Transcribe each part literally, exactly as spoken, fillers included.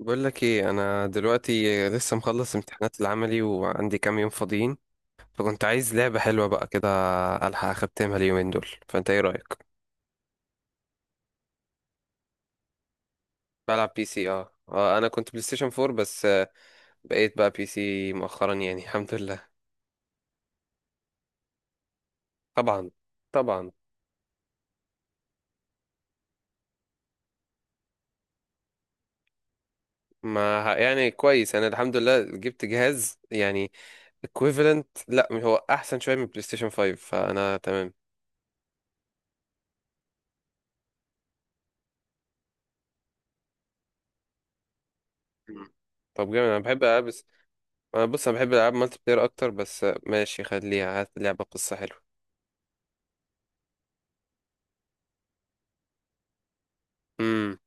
بقول لك ايه، انا دلوقتي لسه مخلص امتحانات العملي وعندي كام يوم فاضيين، فكنت عايز لعبة حلوة بقى كده الحق اختمها اليومين دول. فانت ايه رأيك؟ بلعب بي سي. اه اه انا كنت بلاي ستيشن فور بس آه، بقيت بقى بي سي مؤخرا يعني الحمد لله. طبعا، طبعا. ما ه- يعني كويس انا الحمد لله جبت جهاز يعني equivalent، لا هو احسن شوية من بلاي ستيشن فايف فانا تمام. مم. طب جامد، انا بحب العب. أنا بص، أنا بحب ألعاب مالتي بلاير أكتر، بس ماشي خليها، هات لعبة قصة حلوة. أمم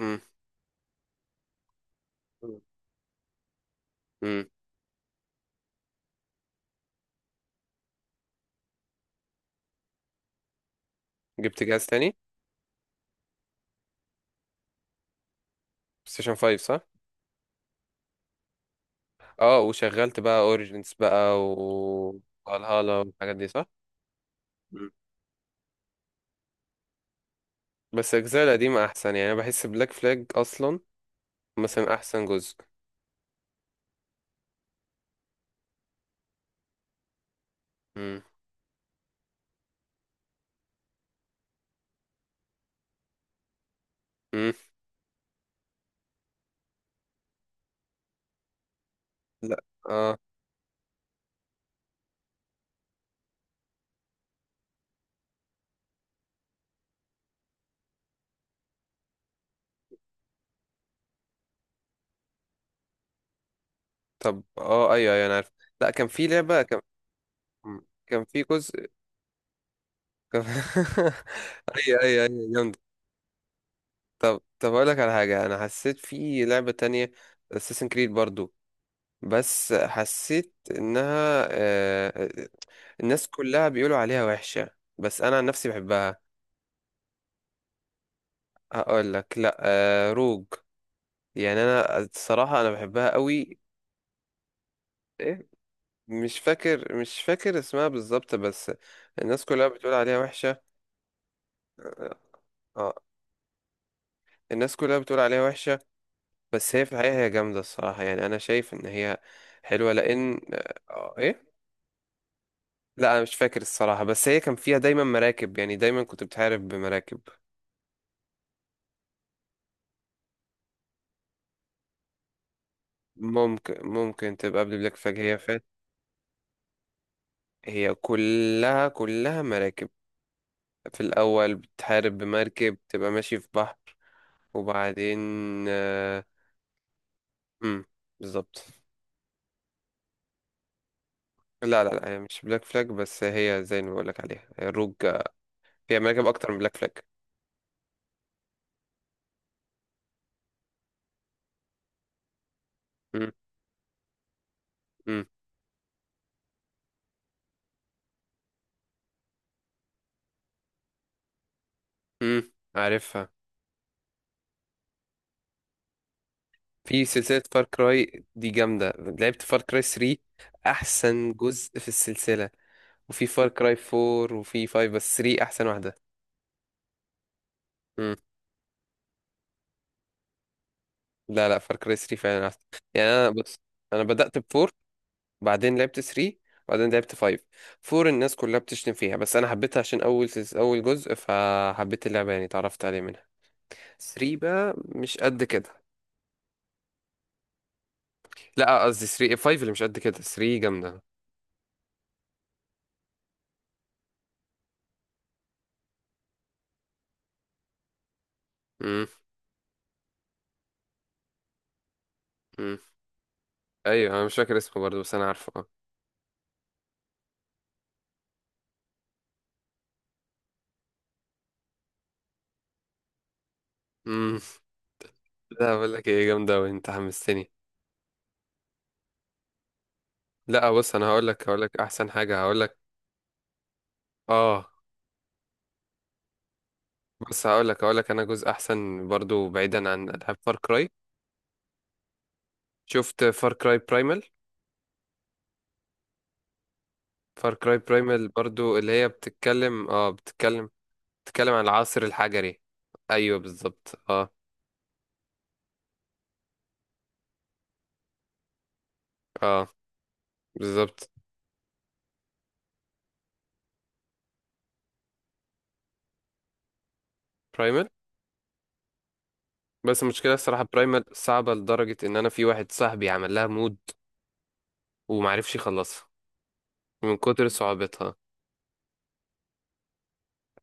أمم أمم. جبت جهاز تاني بلاي ستيشن فايف صح؟ أه، وشغلت بقى أوريجينز بقى و فالهالا والحاجات دي صح؟ مم. بس الأجزاء القديمة أحسن، يعني أنا بحس بلاك فلاج أصلا مثلا أحسن جزء. أمم أمم. لا أه، طب أه أيوه أيوه أنا عارف. لا كان في لعبة كان. مم. كان في جزء كان... أيوه أيوه أيوه. طب طب اقول لك على حاجه، انا حسيت في لعبه تانية اساسن كريد برضو، بس حسيت انها آه، الناس كلها بيقولوا عليها وحشه بس انا عن نفسي بحبها. هقول لك، لا آه، روج. يعني انا الصراحه انا بحبها قوي. إيه؟ مش فاكر، مش فاكر اسمها بالظبط بس الناس كلها بتقول عليها وحشه. اه الناس كلها بتقول عليها وحشه، بس هي في الحقيقه هي جامده الصراحه، يعني انا شايف ان هي حلوه لان آه، آه، ايه. لا انا مش فاكر الصراحة، بس هي كان فيها دايما مراكب، يعني دايما كنت بتحارب بمراكب. ممكن، ممكن تبقى قبل بلاك فlag هي فات. هي كلها كلها مراكب. في الاول بتحارب بمركب تبقى ماشي في بحر، وبعدين آه، امم بالظبط. لا لا لا، هي مش بلاك فلاج، بس هي زي ما بقولك عليها هي الروج. هي مراكب اكتر من بلاك فلاج. امم امم. امم عارفها. في سلسلة فار كراي دي جامدة، لعبت فار كراي ثري احسن جزء في السلسلة، وفي فار كراي فور وفي فايف بس ثري احسن واحده. امم. لا لا، فار كراي ثري فعلا احسن. يعني انا بص، انا بدات ب اربعة بعدين لعبت تلاتة بعدين لعبت فايف. فور الناس كلها بتشتم فيها بس انا حبيتها عشان اول سلس- اول جزء فحبيت اللعبه يعني اتعرفت عليه منها. تلاتة بقى مش قد كده. لا قصدي ثري، فايف اللي مش قد كده، ثري جامده. امم امم. ايوه انا مش فاكر اسمه برضه بس انا عارفه اه. امم. لا بقول لك ايه، جامده وانت حمستني. لا بص، انا هقول لك، هقول لك احسن حاجه هقول لك. اه بس هقول لك، هقول لك انا جزء احسن برضو بعيدا عن العاب فار كراي. شفت فار كراي برايمال؟ فار كراي برايمال برضو اللي هي بتتكلم اه بتتكلم، بتتكلم عن العصر الحجري. ايوه بالظبط اه. اه بالظبط. برايمال. بس المشكله الصراحه برايمال صعبه لدرجه ان انا في واحد صاحبي عمل لها مود ومعرفش يخلصها من كتر صعوبتها.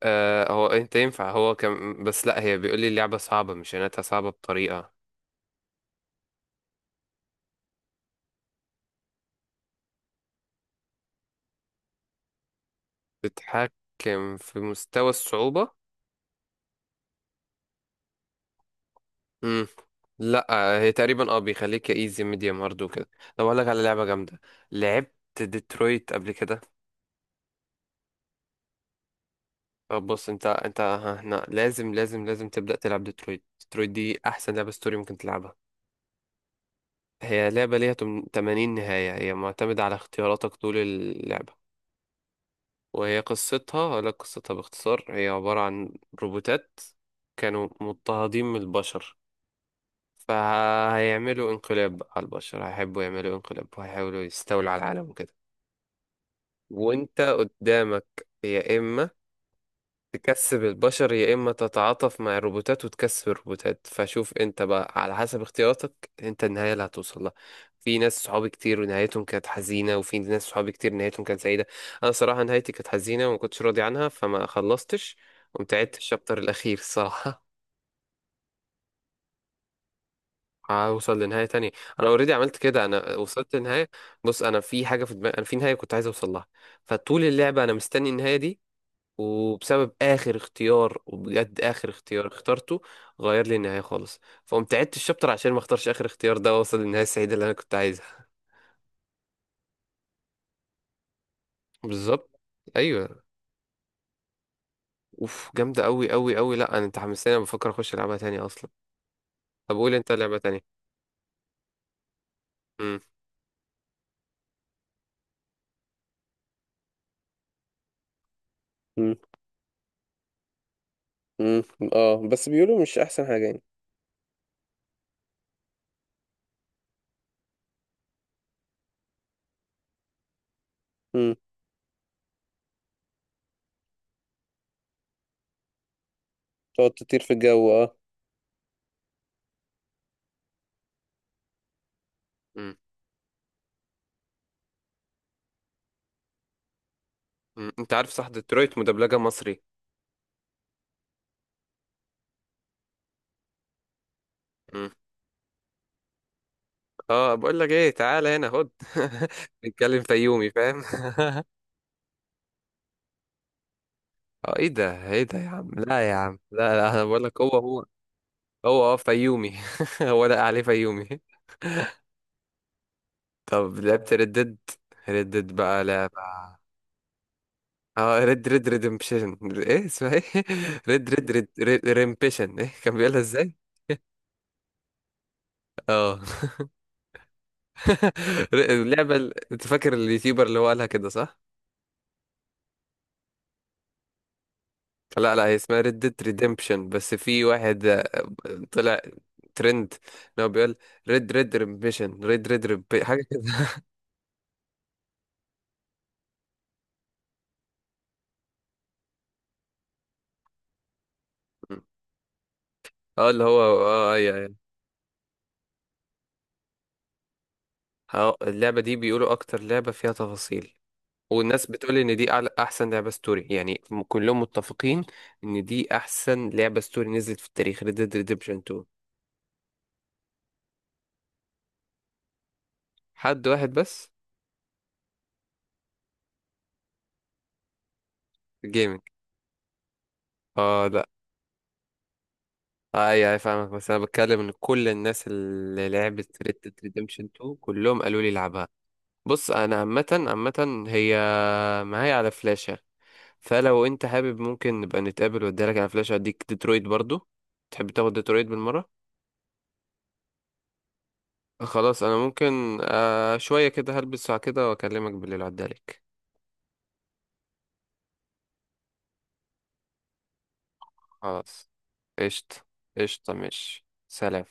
آه هو إيه، انت ينفع هو كان بس لا هي بيقول لي اللعبه صعبه، مش يعني انها صعبه بطريقه بتحكم في مستوى الصعوبه. امم. لا آه، هي تقريبا اه بيخليك ايزي ميديوم هارد وكده. طب اقول لك على لعبه جامده، لعبت ديترويت قبل كده؟ طب بص، انت انت هنا لازم لازم لازم تبدا تلعب ديترويت. ديترويت دي احسن لعبه ستوري ممكن تلعبها. هي لعبه ليها تم- تمانين نهايه، هي معتمده على اختياراتك طول اللعبه. وهي قصتها اقول لك قصتها باختصار، هي عباره عن روبوتات كانوا مضطهدين من البشر، فهيعملوا انقلاب على البشر، هيحبوا يعملوا انقلاب وهيحاولوا يستولوا على العالم وكده. وانت قدامك يا اما تكسب البشر يا اما تتعاطف مع الروبوتات وتكسب الروبوتات، فشوف انت بقى على حسب اختياراتك انت النهايه اللي هتوصل لها. في ناس صحابي كتير ونهايتهم كانت حزينه وفي ناس صحابي كتير نهايتهم كانت سعيده. انا صراحه نهايتي كانت حزينه وما كنتش راضي عنها فما خلصتش. قمت عدت الشابتر الاخير الصراحه هوصل لنهاية تانية. أنا أوريدي عملت كده، أنا وصلت لنهاية. بص أنا في حاجة في دماغي، أنا في نهاية كنت عايز أوصل لها، فطول اللعبة أنا مستني النهاية دي. وبسبب اخر اختيار، وبجد اخر اختيار اخترته غير لي النهايه خالص، فقمت عدت الشابتر عشان ما اختارش اخر اختيار ده واوصل للنهايه السعيده اللي انا كنت عايزها. بالظبط ايوه. اوف جامده قوي قوي قوي. لا انا، انت حمستني انا بفكر اخش العبها تاني اصلا. طب قول انت لعبه تانية. امم. مم. مم. اه بس بيقولوا مش احسن حاجة يعني. مم. تقعد تطير في الجو اه. امم. أمم. انت عارف صح ديترويت مدبلجه مصري؟ امم. اه بقول لك ايه، تعالى هنا خد بنتكلم فيومي فاهم. اه ايه ده، ايه ده يا عم؟ لا يا عم، لا لا انا بقول لك هو هو. هو اه فيومي هو لا عليه فيومي. طب لعبت ردد؟ ردد بقى لعبة. اه ريد ريد ريدمبشن، ايه اسمها، ايه ريد ريد ريد ريد- ريمبشن، ايه كان بيقولها ازاي؟ اه اللعبة ال- انت فاكر اليوتيوبر اللي هو قالها كده صح؟ لا لا هي اسمها ريد ديد ريدمبشن، بس في واحد آه، طلع ترند اللي هو بيقول ريد ريد ريمبشن ريد ريد ريب حاجة كده اه اللي هو اه اي اي. اه، اللعبة دي بيقولوا اكتر لعبة فيها تفاصيل، والناس بتقول ان دي أعلى احسن لعبة ستوري يعني م- كلهم متفقين ان دي احسن لعبة ستوري نزلت في التاريخ Red Dead Redemption اتنين. حد واحد بس. جيمنج. اه لا آه، اي اي فاهمك، بس انا بتكلم ان كل الناس اللي لعبت Red Dead Redemption اتنين كلهم قالوا لي العبها. بص انا عامة عامة هي معايا على فلاشة، فلو انت حابب ممكن نبقى نتقابل واديلك على فلاش، اديك ديترويت برضو. تحب تاخد ديترويت بالمرة؟ خلاص انا ممكن آه شوية كده هلبس ساعة كده واكلمك بالليل عدالك. خلاص قشطة. قشطة ماشي سلام.